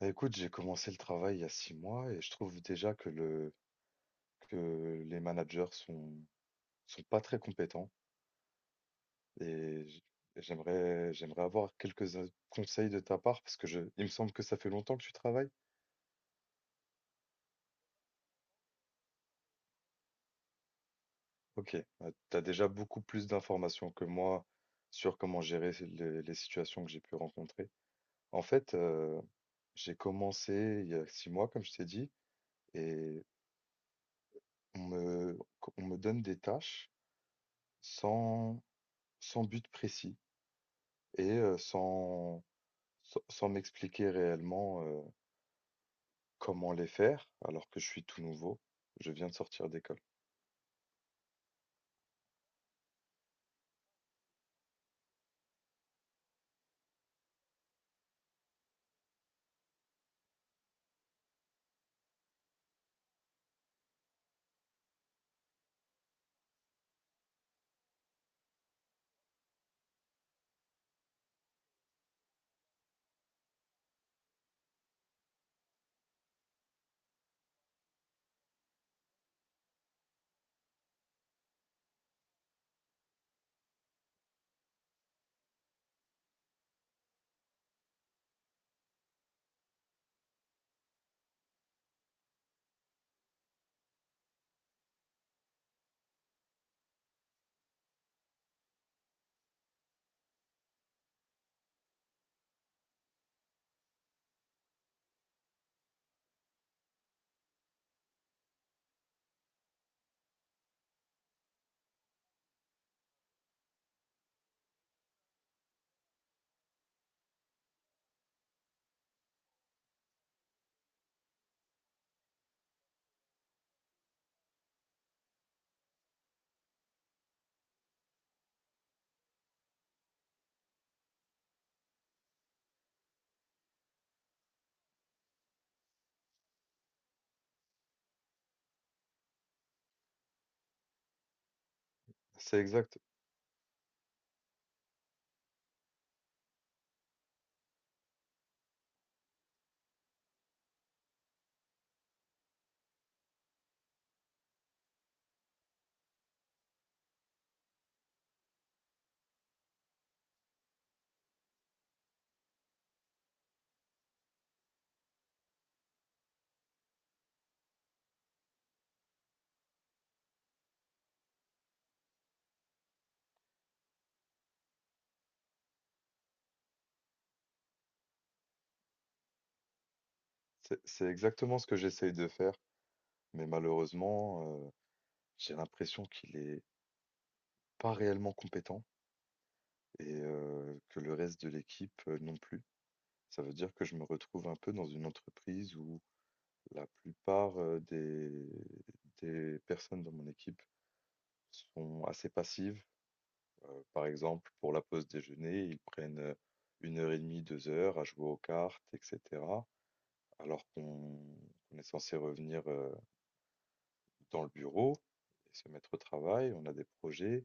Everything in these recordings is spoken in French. Bah, écoute, j'ai commencé le travail il y a 6 mois et je trouve déjà que le que les managers sont pas très compétents et j- et j'aimerais avoir quelques conseils de ta part parce que je il me semble que ça fait longtemps que tu travailles. Ok, tu as déjà beaucoup plus d'informations que moi sur comment gérer les situations que j'ai pu rencontrer. En fait, j'ai commencé il y a 6 mois, comme je t'ai dit, et on me, on me donne des tâches sans, sans but précis. Et sans m'expliquer réellement, comment les faire, alors que je suis tout nouveau. Je viens de sortir d'école. C'est exact c'est exactement ce que j'essaye de faire, mais malheureusement, j'ai l'impression qu'il est pas réellement compétent et que le reste de l'équipe, non plus. Ça veut dire que je me retrouve un peu dans une entreprise où la plupart, des personnes de mon équipe sont assez passives. Par exemple, pour la pause déjeuner, ils prennent, 1 heure et demie, 2 heures à jouer aux cartes et cetera. Alors qu'on est censé revenir, dans le bureau et se mettre au travail. On a des projets.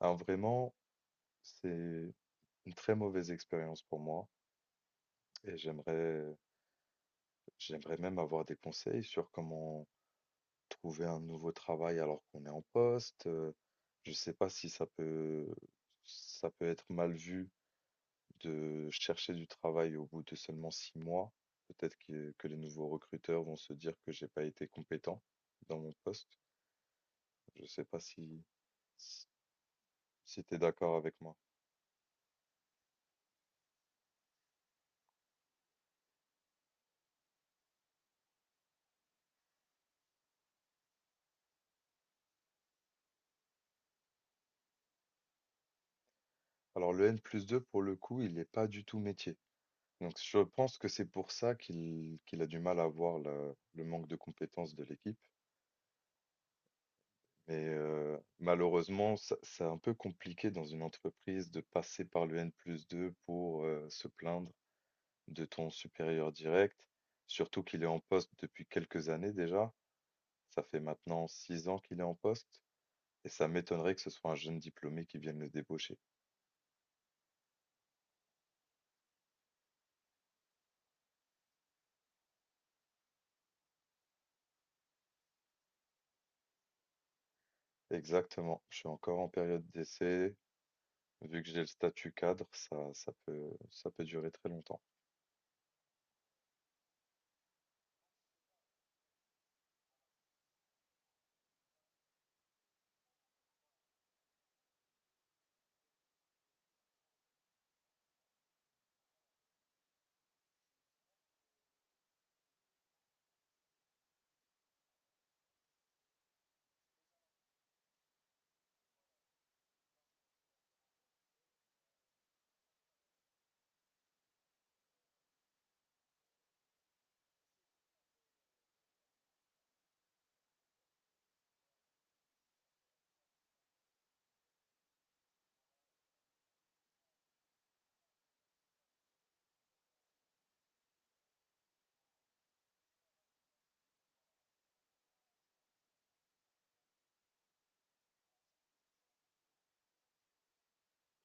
Alors vraiment, c'est une très mauvaise expérience pour moi et j'aimerais même avoir des conseils sur comment trouver un nouveau travail alors qu'on est en poste. Je ne sais pas si ça peut être mal vu de chercher du travail au bout de seulement 6 mois, peut-être que les nouveaux recruteurs vont se dire que j'ai pas été compétent dans mon poste. Je sais pas si si tu es d'accord avec moi. Alors le N plus 2, pour le coup, il n'est pas du tout métier. Donc je pense que c'est pour ça qu'il a du mal à voir le manque de compétences de l'équipe. Mais malheureusement, c'est un peu compliqué dans une entreprise de passer par le N plus 2 pour se plaindre de ton supérieur direct, surtout qu'il est en poste depuis quelques années déjà. Ça fait maintenant 6 ans qu'il est en poste et ça m'étonnerait que ce soit un jeune diplômé qui vienne le débaucher. Exactement, je suis encore en période d'essai. Vu que j'ai le statut cadre, ça peut durer très longtemps.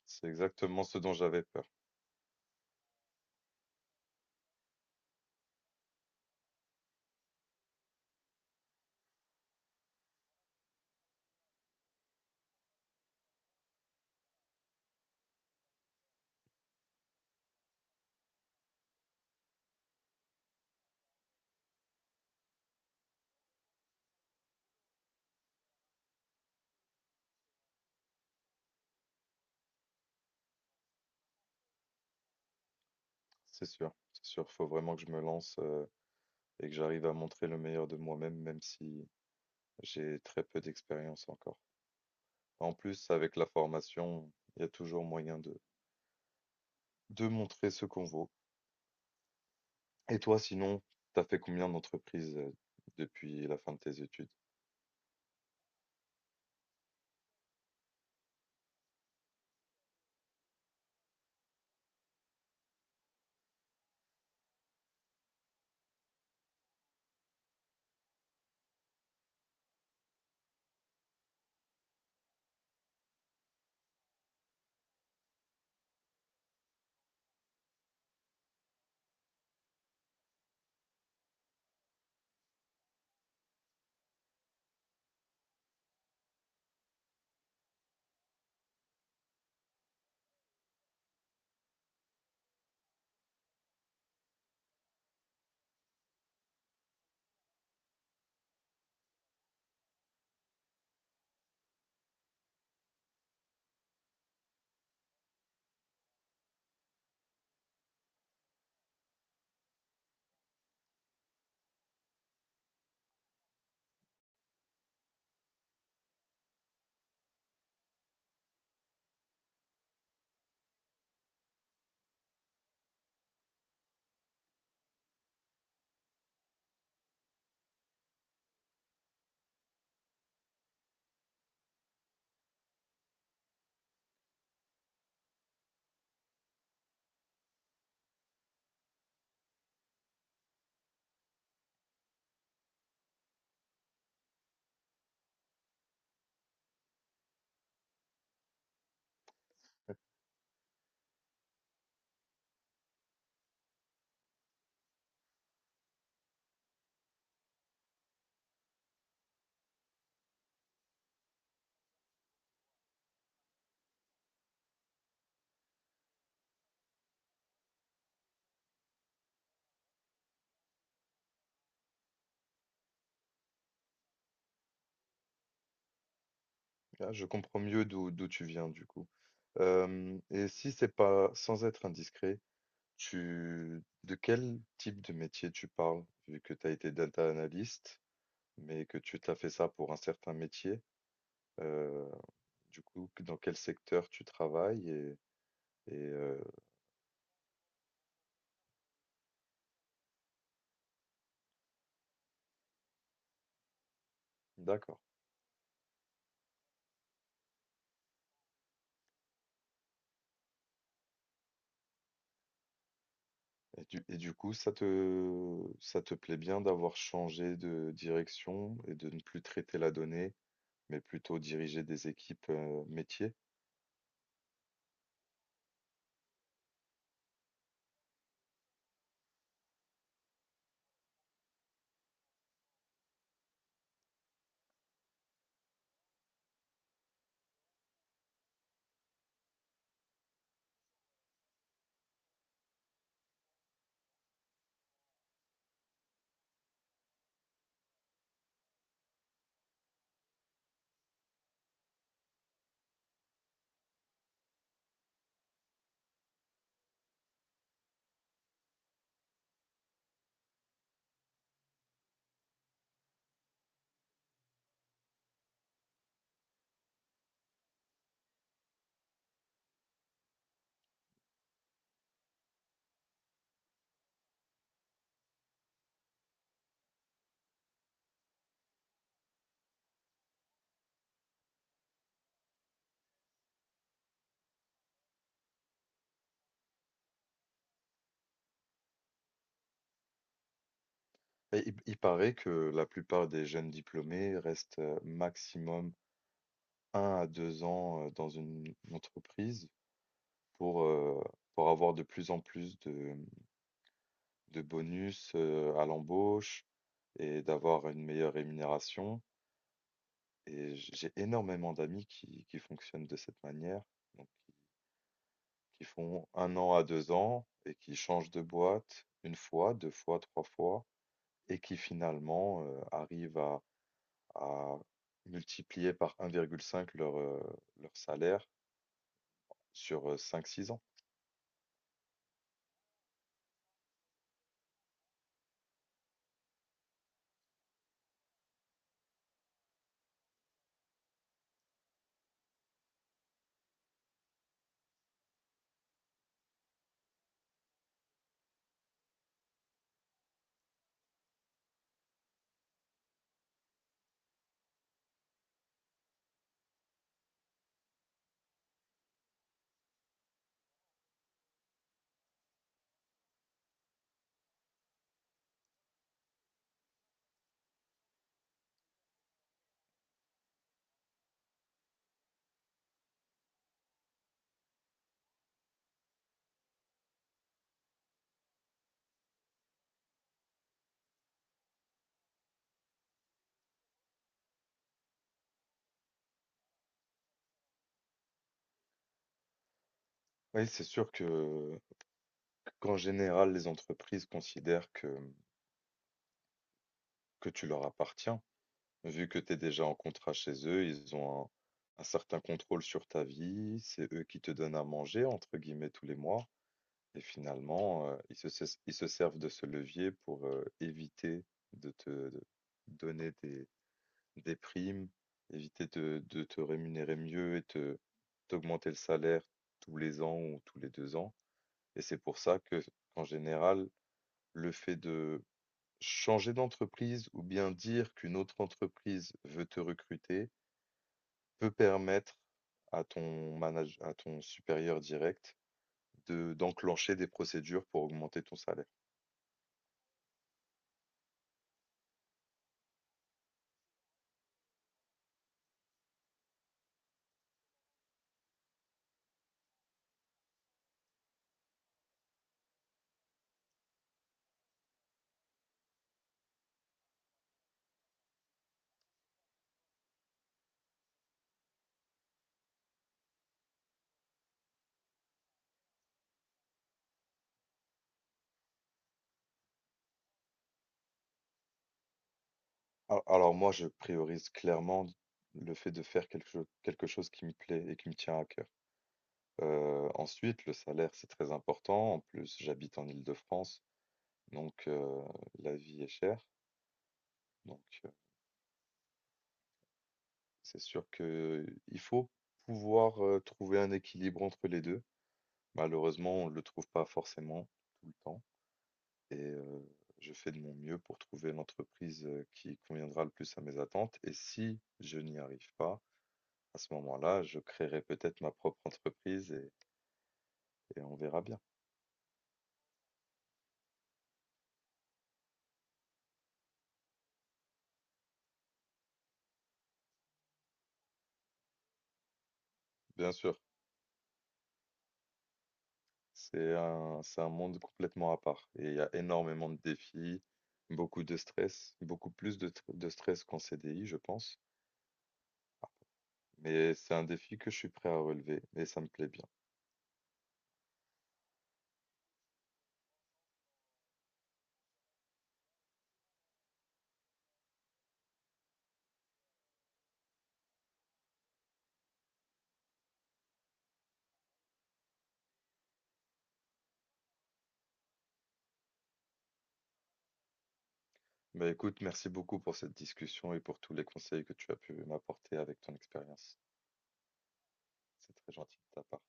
C'est exactement ce dont j'avais peur. C'est sûr, c'est sûr. Faut vraiment que je me lance et que j'arrive à montrer le meilleur de moi-même, même si j'ai très peu d'expérience encore. En plus, avec la formation, il y a toujours moyen de montrer ce qu'on vaut. Et toi, sinon, t'as fait combien d'entreprises depuis la fin de tes études? Ah, je comprends mieux d'où tu viens, du coup. Et si c'est pas, sans être indiscret, de quel type de métier tu parles, vu que tu as été data analyst, mais que tu t'as fait ça pour un certain métier, euh, du coup, dans quel secteur tu travailles et, euh, d'accord. Et du coup, ça te plaît bien d'avoir changé de direction et de ne plus traiter la donnée, mais plutôt diriger des équipes, métiers? Il paraît que la plupart des jeunes diplômés restent, maximum 1 à 2 ans, dans une entreprise pour, heu, pour avoir de plus en plus de bonus, à l'embauche et d'avoir une meilleure rémunération et j'ai énormément d'amis qui fonctionnent de cette manière, donc qui font 1 an à 2 ans et qui changent de boîte une fois, 2 fois, 3 fois et qui finalement, arrivent à multiplier par 1,5 leur salaire sur cinq six ans. Oui, c'est sûr que qu'en général, les entreprises considèrent que tu leur appartiens. Vu que tu es déjà en contrat chez eux, ils ont un certain contrôle sur ta vie. C'est eux qui te donnent à manger entre guillemets tous les mois. Et finalement, ils se servent de ce levier pour, éviter de donner des primes, éviter de te rémunérer mieux et te t'augmenter le salaire tous les ans ou tous les 2 ans. Et c'est pour ça que, en général, le fait de changer d'entreprise ou bien dire qu'une autre entreprise veut te recruter, peut permettre à ton manage à ton supérieur direct de d'enclencher des procédures pour augmenter ton salaire. A alors moi, je priorise clairement le fait de faire quelque chose qui me plaît et qui me tient à cœur. Ensuite, le salaire, c'est très important. En plus, j'habite en Île-de-France, donc la vie est chère. Donc c'est sûr qu'il faut pouvoir, trouver un équilibre entre les 2. Malheureusement, on ne le trouve pas forcément tout le temps et je fais de mon mieux pour trouver l'entreprise, qui conviendra le plus à mes attentes et si je n'y arrive pas, à ce moment-là, je créerai peut-être ma propre entreprise et on verra bien. Bien sûr, c'est un monde complètement à part et il y a énormément de défis, beaucoup de stress, beaucoup plus de, de stress qu'en CDI, je pense. Mais c'est un défi que je suis prêt à relever et ça me plaît bien. Bah écoute, merci beaucoup pour cette discussion et pour tous les conseils que tu as pu m'apporter avec ton expérience. C'est très gentil de ta part.